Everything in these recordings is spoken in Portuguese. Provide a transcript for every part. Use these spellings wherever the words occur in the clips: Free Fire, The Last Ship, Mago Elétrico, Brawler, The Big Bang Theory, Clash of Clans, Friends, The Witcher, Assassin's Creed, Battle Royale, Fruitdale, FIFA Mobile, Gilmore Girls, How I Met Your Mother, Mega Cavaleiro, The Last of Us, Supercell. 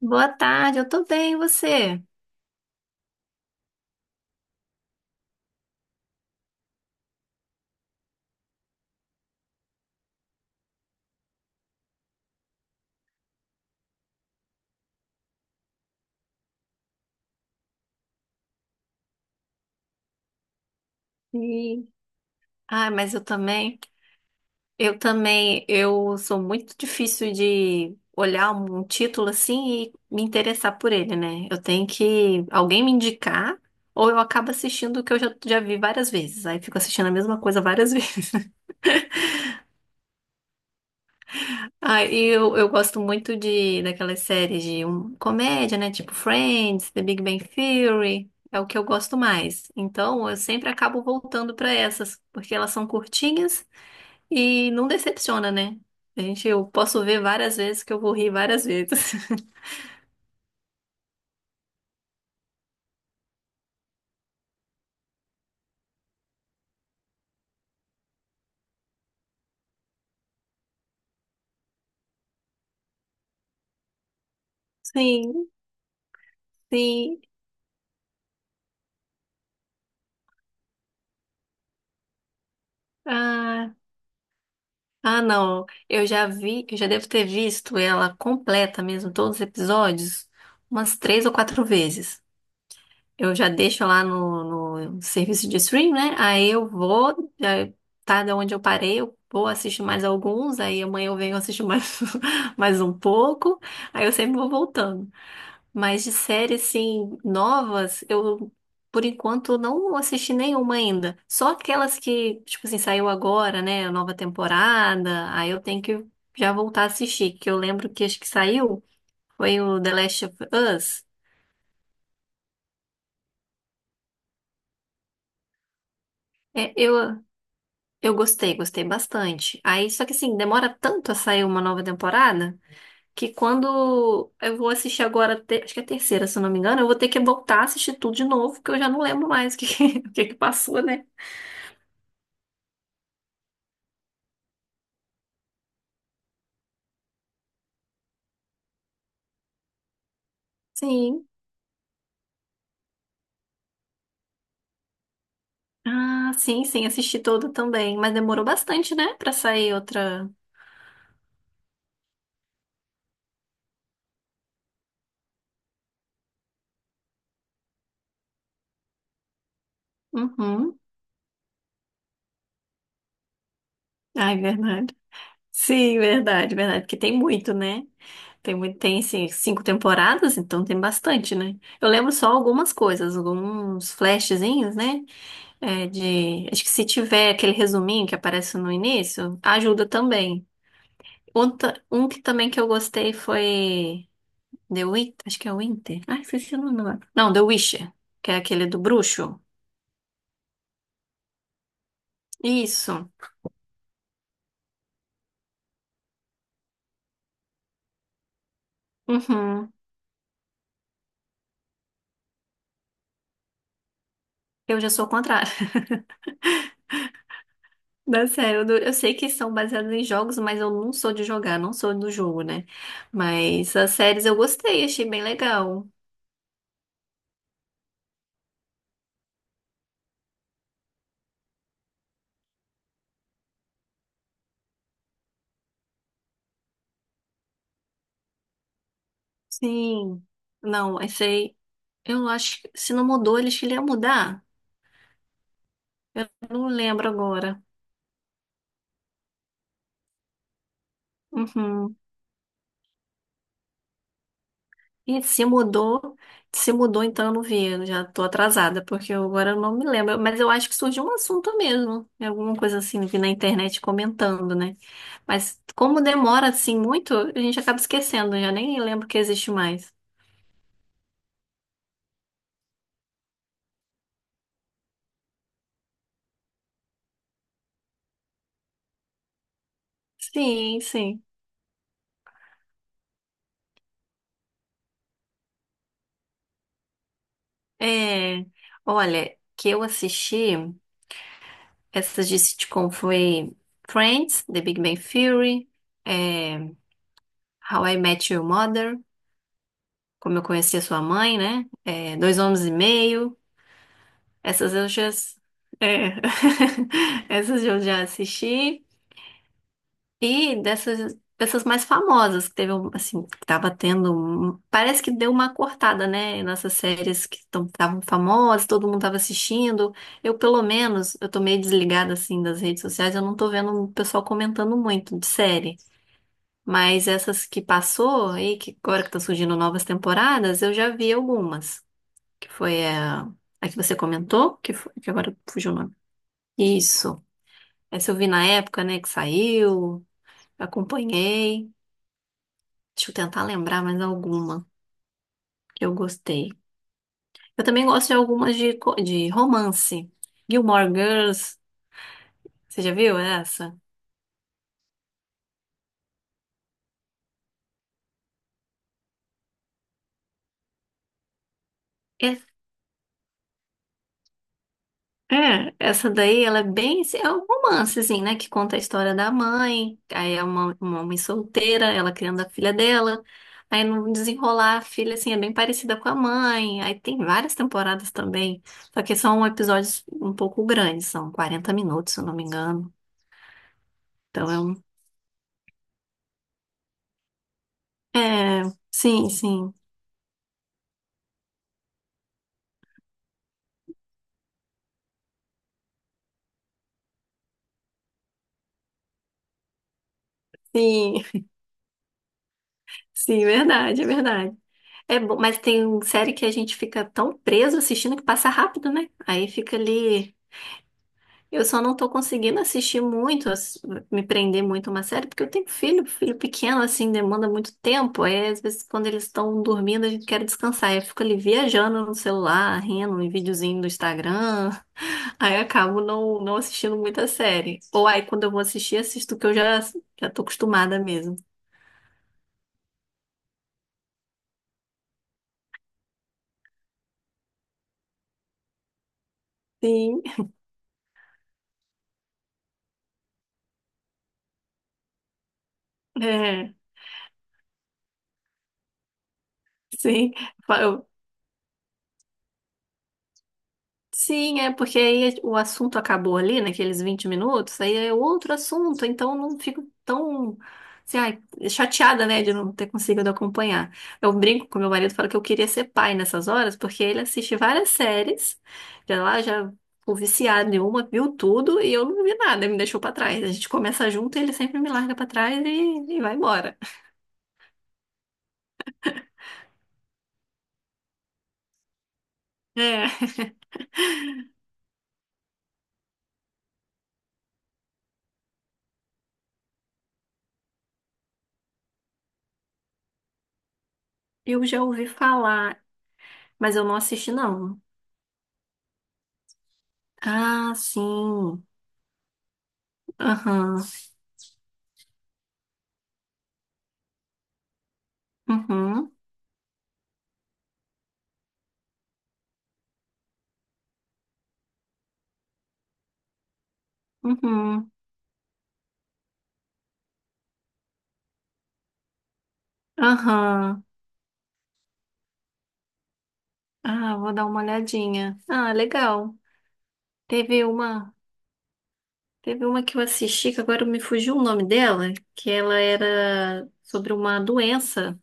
Boa tarde, eu tô bem, e você? E Ah, mas eu também, eu sou muito difícil de olhar um título assim e me interessar por ele, né? Eu tenho que alguém me indicar ou eu acabo assistindo o que eu já vi várias vezes. Aí fico assistindo a mesma coisa várias vezes. Ah, e eu gosto muito de daquelas séries de comédia, né? Tipo Friends, The Big Bang Theory. É o que eu gosto mais. Então, eu sempre acabo voltando pra essas, porque elas são curtinhas e não decepciona, né? A gente, eu posso ver várias vezes que eu vou rir várias vezes. Sim, sim. Ah, ah, não. Eu já vi, eu já devo ter visto ela completa mesmo, todos os episódios, umas três ou quatro vezes. Eu já deixo lá no serviço de stream, né? Aí eu vou, já tá de onde eu parei, eu vou assistir mais alguns, aí amanhã eu venho assistir mais, mais um pouco, aí eu sempre vou voltando. Mas de séries, assim, novas, eu, por enquanto, não assisti nenhuma ainda. Só aquelas que, tipo assim, saiu agora, né? A nova temporada, aí eu tenho que já voltar a assistir, que eu lembro que acho que saiu, foi o The Last of Us. É, eu Eu gostei, gostei bastante. Aí, só que assim, demora tanto a sair uma nova temporada que quando eu vou assistir agora, acho que é a terceira, se eu não me engano, eu vou ter que voltar a assistir tudo de novo, porque eu já não lembro mais o o que que passou, né? Sim. Ah, sim, sim, assisti toda também. Mas demorou bastante, né, pra sair outra. Uhum. Ai, verdade. Sim, verdade, verdade. Porque tem muito, né? Tem muito, tem assim, cinco temporadas, então tem bastante, né? Eu lembro só algumas coisas, alguns flashzinhos, né? É de, acho que se tiver aquele resuminho que aparece no início, ajuda também. Outra, um que também que eu gostei foi The Witch, acho que é Winter. Ai, esqueci o nome agora. Não, The Witcher, que é aquele do bruxo. Isso. Uhum. Eu já sou o contrário. Não, sério, eu, não- eu sei que são baseados em jogos, mas eu não sou de jogar, não sou do jogo, né? Mas as séries eu gostei, achei bem legal. Sim. Não, achei. Eu acho que se não mudou, eles queriam mudar. Eu não lembro agora. Uhum. E se mudou, então eu não vi. Eu já tô atrasada, porque eu agora eu não me lembro. Mas eu acho que surgiu um assunto mesmo. É, alguma coisa assim, vi na internet comentando, né? Mas como demora assim muito, a gente acaba esquecendo, eu já nem lembro que existe mais. Sim, sim. É, olha, que eu assisti, essas de sitcom foi Friends, The Big Bang Theory, é, How I Met Your Mother, como eu conheci a sua mãe, né? É, dois homens e meio. Essas eu já. É, essas eu já assisti. E dessas mais famosas, que teve, assim, que tava tendo, parece que deu uma cortada, né? Nessas séries que estavam famosas, todo mundo tava assistindo. Eu, pelo menos, eu tô meio desligada, assim, das redes sociais, eu não tô vendo o pessoal comentando muito de série. Mas essas que passou e que agora que estão surgindo novas temporadas, eu já vi algumas, que foi a que você comentou, que, foi, que agora fugiu o nome. Isso. Essa eu vi na época, né, que saiu, acompanhei. Deixa eu tentar lembrar mais alguma que eu gostei. Eu também gosto de algumas de romance. Gilmore Girls, você já viu essa? É É, essa daí, ela é bem, assim, é um romance, assim, né, que conta a história da mãe, aí é uma mãe solteira, ela criando a filha dela, aí no desenrolar a filha, assim, é bem parecida com a mãe, aí tem várias temporadas também, só que são episódios um pouco grandes, são 40 minutos, se eu não me engano, então é um. É, sim, sim, sim, sim, verdade. É bom, mas tem série que a gente fica tão preso assistindo que passa rápido, né? Aí fica ali. Eu só não tô conseguindo assistir muito, me prender muito a uma série, porque eu tenho filho, filho pequeno, assim, demanda muito tempo. Aí, às vezes, quando eles estão dormindo, a gente quer descansar. Aí eu fico ali viajando no celular, rindo, em videozinho do Instagram. Aí eu acabo não assistindo muita série. Ou aí, quando eu vou assistir, assisto o que eu já tô acostumada mesmo. Sim, é, sim. Sim, é porque aí o assunto acabou ali, naqueles 20 minutos, aí é outro assunto, então não fico tão, assim, ai, chateada, né, de não ter conseguido acompanhar. Eu brinco com meu marido, falo que eu queria ser pai nessas horas, porque ele assiste várias séries, já ficou viciado em uma, viu tudo, e eu não vi nada, me deixou pra trás. A gente começa junto, ele sempre me larga pra trás e vai embora. É, eu já ouvi falar, mas eu não assisti, não. Ah, sim. Aham. Uhum. Uhum. Aham. Ah, vou dar uma olhadinha. Ah, legal. Teve uma, teve uma que eu assisti, que agora me fugiu o nome dela, que ela era sobre uma doença.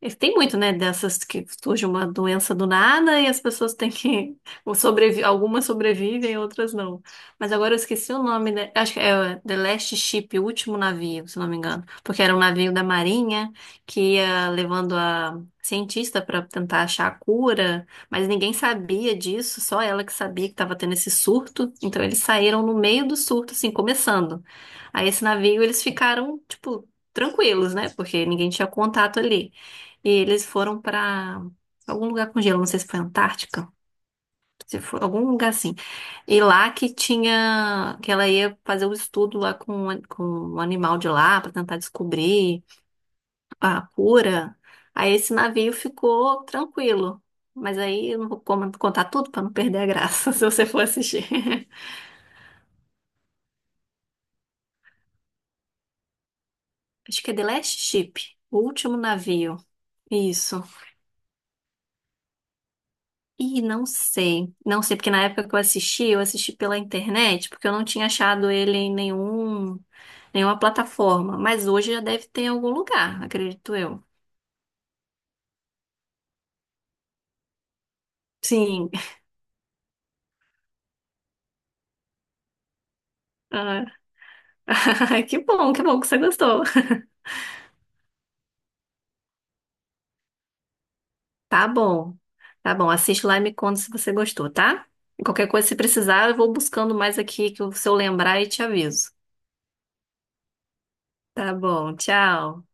E tem muito, né, dessas que surge uma doença do nada e as pessoas têm que ou sobrevi, algumas sobrevivem, outras não. Mas agora eu esqueci o nome, né? Acho que é The Last Ship, o último navio, se não me engano, porque era um navio da Marinha que ia levando a cientista para tentar achar a cura, mas ninguém sabia disso, só ela que sabia que estava tendo esse surto. Então eles saíram no meio do surto, assim, começando. Aí esse navio eles ficaram, tipo, tranquilos, né? Porque ninguém tinha contato ali. E eles foram pra algum lugar com gelo, não sei se foi Antártica, se foi algum lugar assim. E lá que tinha, que ela ia fazer o estudo lá com, o com um animal de lá pra tentar descobrir a cura. Aí esse navio ficou tranquilo. Mas aí eu não vou contar tudo pra não perder a graça, se você for assistir. Acho que é The Last Ship, o último navio. Isso. Ih, não sei. Não sei, porque na época que eu assisti pela internet, porque eu não tinha achado ele em nenhuma plataforma. Mas hoje já deve ter em algum lugar, acredito eu. Sim. Ah, que bom, que bom que você gostou. Tá bom. Tá bom, assiste lá e me conta se você gostou, tá? Qualquer coisa, se precisar, eu vou buscando mais aqui, que se eu lembrar e te aviso. Tá bom, tchau.